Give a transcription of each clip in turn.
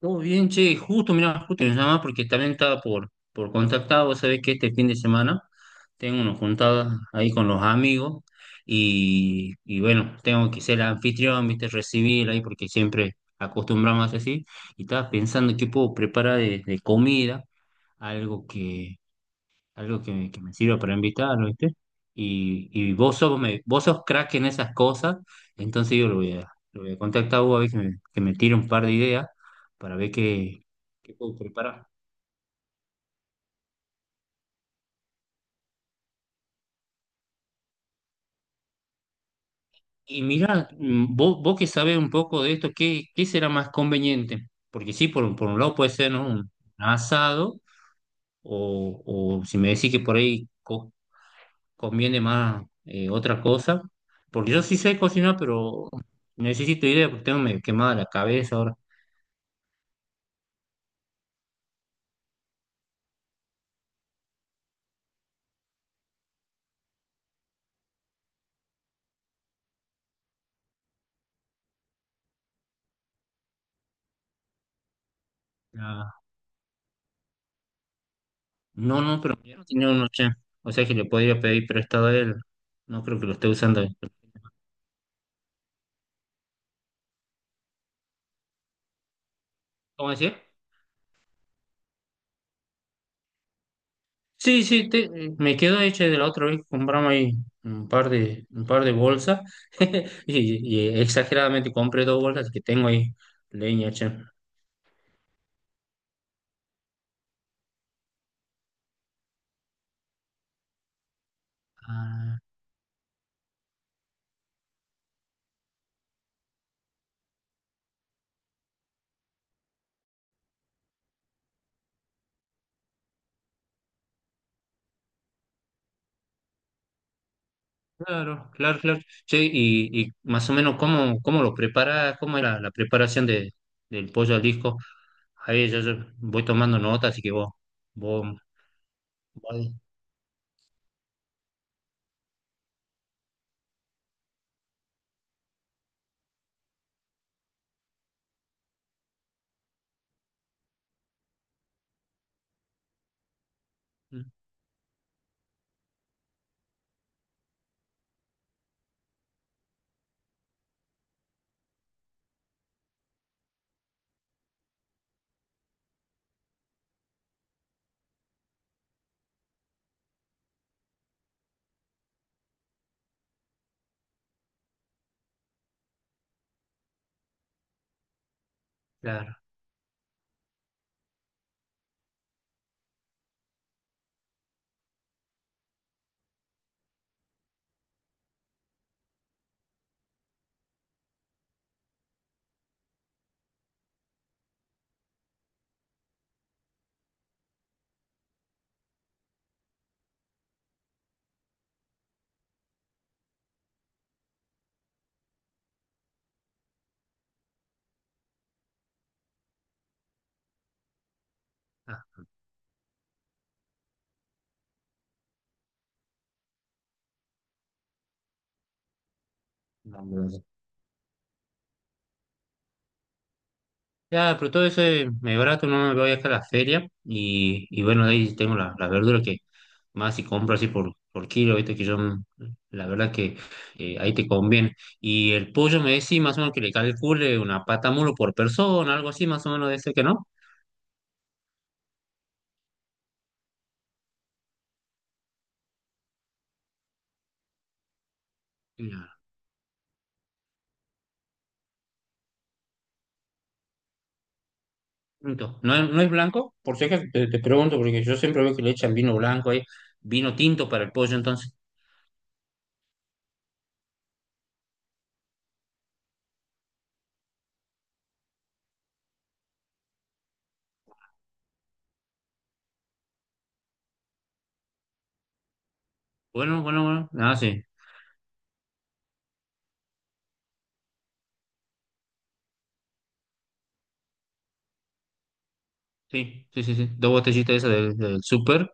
Todo bien, che, justo, mirá, justo me llama porque también estaba por contactar. Vos sabés que este fin de semana tengo unos juntadas ahí con los amigos y bueno, tengo que ser el anfitrión, viste, recibir ahí porque siempre acostumbramos así. Y estaba pensando qué puedo preparar de comida, algo algo que me sirva para invitar, ¿viste? Y vos sos crack en esas cosas, entonces yo lo voy a contactar a vos a ver que me tire un par de ideas para ver qué puedo preparar. Y mira, vos que sabés un poco de esto, ¿qué será más conveniente? Porque sí, por un lado puede ser, ¿no? Un asado, o, o si me decís que por ahí conviene más otra cosa, porque yo sí sé cocinar, pero necesito ideas porque tengo medio quemada la cabeza ahora. Ah. No, no, pero yo no tenía uno ya. O sea que le podría pedir prestado a él. No creo que lo esté usando. ¿Cómo decía? Sí, sí, me quedo hecho de la otra vez que compramos ahí un par de, bolsas. Y exageradamente compré dos bolsas que tengo ahí leña, che. Ah, claro, claro, claro. Che, y más o menos cómo, lo prepara, cómo es la preparación del pollo al disco. Ahí yo, voy tomando nota, así que vos, vos mm, claro. No, gracias. Ya, pero todo eso es medio barato, no me voy acá a la feria y bueno, de ahí tengo la verdura que más si compro así por kilo, viste que yo, la verdad que ahí te conviene. Y el pollo me decís más o menos que le calcule una pata mulo por persona, algo así más o menos de ese que no. Ya. Punto. No, no es blanco, por si acaso te pregunto, porque yo siempre veo que le echan vino blanco ahí, vino tinto para el pollo, entonces. Bueno, bueno, bueno, ah, sí, sí, sí, sí, sí. Dos botellitas esas del súper.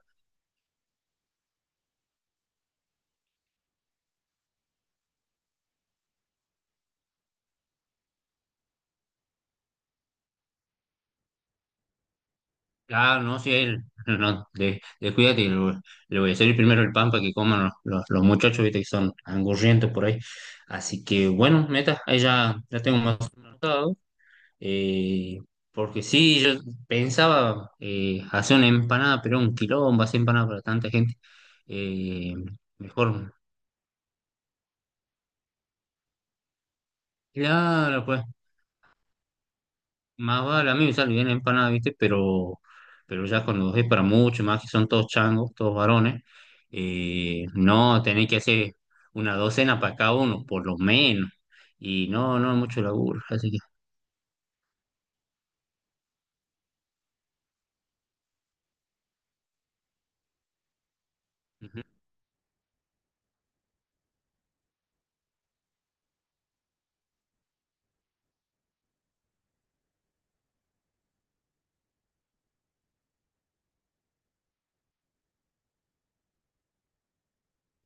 Ah, no, sí, él, no, descuídate, y le voy a servir primero el pan para que coman los muchachos, viste, que son angurrientos por ahí. Así que, bueno, meta, ahí ya, tengo más anotado, eh, porque sí, yo pensaba hacer una empanada, pero un quilombo hacer empanada para tanta gente. Eh, Mejor, claro, pues, más vale, a mí me sale bien la empanada, ¿viste? Pero ya cuando es para mucho, más que son todos changos, todos varones, no, tenés que hacer una docena para cada uno, por lo menos. Y no, no es mucho laburo, así que... Ujú.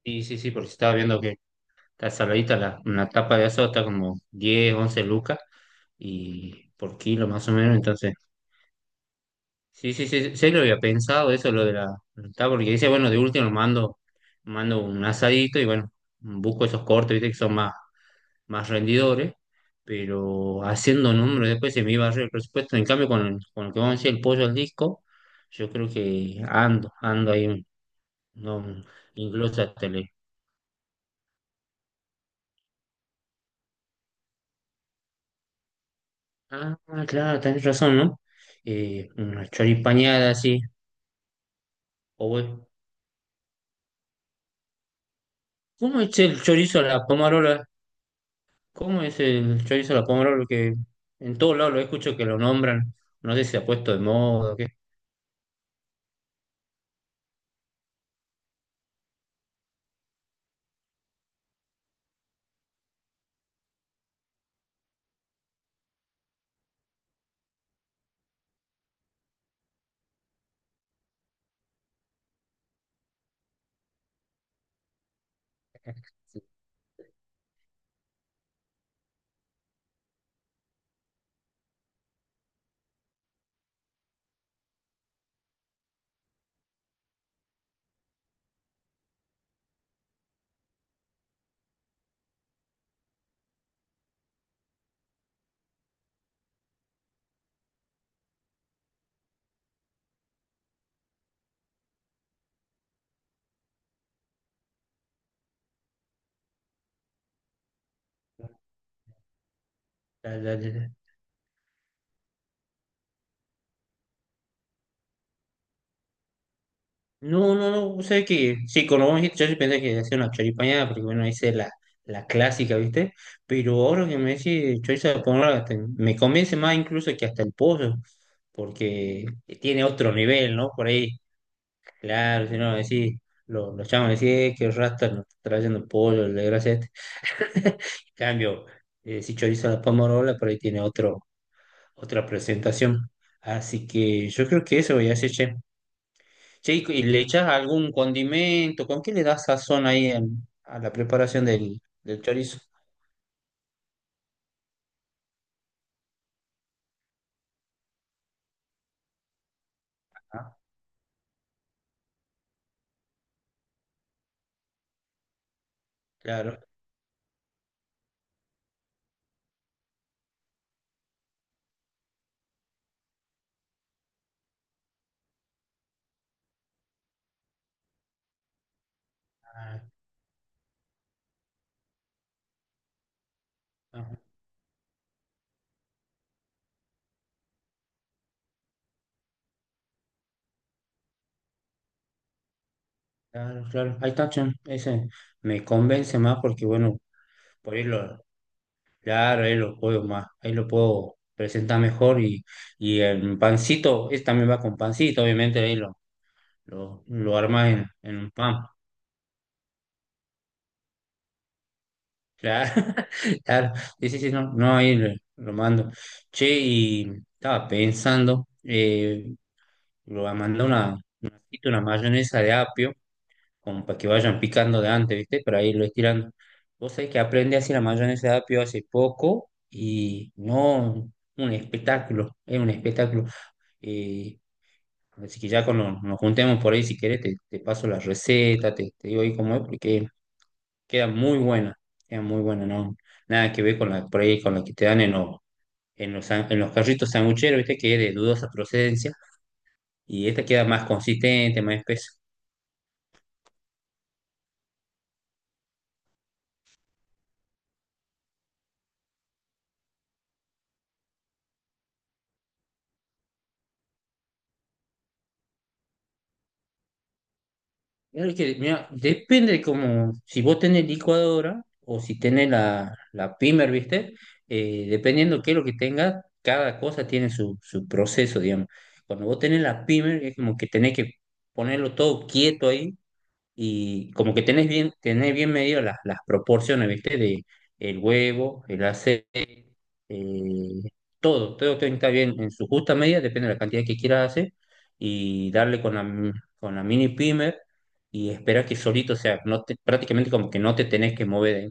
Sí, sí, sí, porque estaba viendo que está saladita una tapa de asado, está como 10 11 lucas y por kilo más o menos, entonces... Sí, sí, sí, sí lo había pensado eso, lo de la está porque dice, bueno, de último mando, un asadito y bueno, busco esos cortes, viste, que son más rendidores, pero haciendo números después se me iba a el presupuesto. En cambio, con lo que vamos a decir, el pollo al disco, yo creo que ando ahí, no, incluso hasta le... Ah, claro, tenés razón, ¿no? Una choripañada así, o bueno, ¿cómo es el chorizo a la pomarola? ¿Cómo es el chorizo a la pomodoro? Porque en todos lados lo escucho que lo nombran. No sé si se ha puesto de moda o qué. La- la- la- No, no, no. O sea que, sí, cuando vos me dijiste, yo sí pensé que hacía una choripañada, porque bueno, hice la clásica, ¿viste? Pero ahora que me decís chorizo a la pomodoro, hasta me convence más incluso que hasta el pollo, porque tiene otro nivel, ¿no? Por ahí, claro, si no, decís, los chavos decís, qué rasta nos está trayendo pollo, la gracia". En cambio, si chorizo a la pomarola, por ahí tiene otra presentación. Así que yo creo que eso voy a hacer, che. Che, ¿y le echas algún condimento? ¿Con qué le das sazón ahí a la preparación del chorizo? Ah, claro. Ah, ah, claro, claro. Ahí está, che. Ese me convence más porque, bueno, por ahí lo, claro, ahí lo puedo presentar mejor y el pancito, este también va con pancito, obviamente, ahí lo, lo armas en, un pan. Claro, claro. Sí, sí, sí, no, no, ahí lo, mando. Che, y estaba pensando, lo va a mandar una mayonesa de apio, como para que vayan picando de antes, ¿viste? Para irlo estirando. Vos sabés que aprendí a hacer la mayonesa de apio hace poco y no, un espectáculo, es un espectáculo. Eh, Así que ya cuando nos juntemos por ahí, si querés, te paso la receta, te digo ahí cómo es, porque queda muy buena, queda muy buena, ¿no? Nada que ver con la, por ahí, con la que te dan en los, en los carritos sangucheros, ¿viste? Que es de dudosa procedencia, y esta queda más consistente, más espesa. Claro que, mira, depende de cómo, si vos tenés licuadora o si tenés la pimer, ¿viste? Dependiendo qué es lo que tengas, cada cosa tiene su proceso, digamos. Cuando vos tenés la pimer, es como que tenés que ponerlo todo quieto ahí y como que tenés bien, medido las proporciones, ¿viste? De el huevo, el aceite, eh, todo tiene que estar bien en su justa medida, depende de la cantidad que quieras hacer, y darle con la mini primer y esperar que solito, o sea, no te- prácticamente como que no te tenés que mover.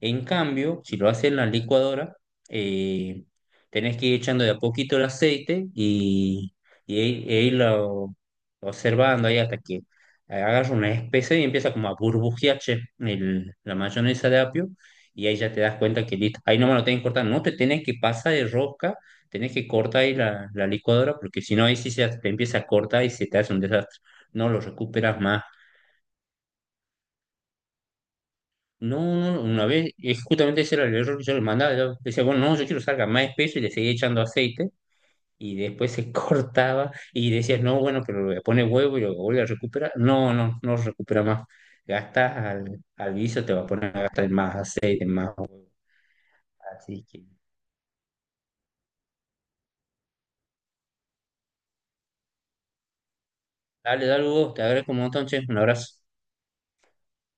En cambio, si lo haces en la licuadora, eh, tenés que ir echando de a poquito el aceite y, e irlo observando ahí hasta que hagas una especie y empieza como a burbujear che, la mayonesa de apio y ahí ya te das cuenta que listo, ahí nomás lo tenés que cortar, no te tenés que pasar de rosca, tenés que cortar ahí la licuadora porque si no ahí sí se te empieza a cortar y se te hace un desastre, no lo recuperas más. No, no, no, una vez, es justamente ese era el error que yo le mandaba. Yo decía, bueno, no, yo quiero que salga más espeso y le seguía echando aceite y después se cortaba y decías, no, bueno, pero le voy a poner huevo y lo vuelve a recuperar. No, no, no recupera más. Gastas al guiso, te va a poner a gastar en más aceite, en más huevo. Así que, dale, dale, Hugo, te agradezco un montón, che, un abrazo.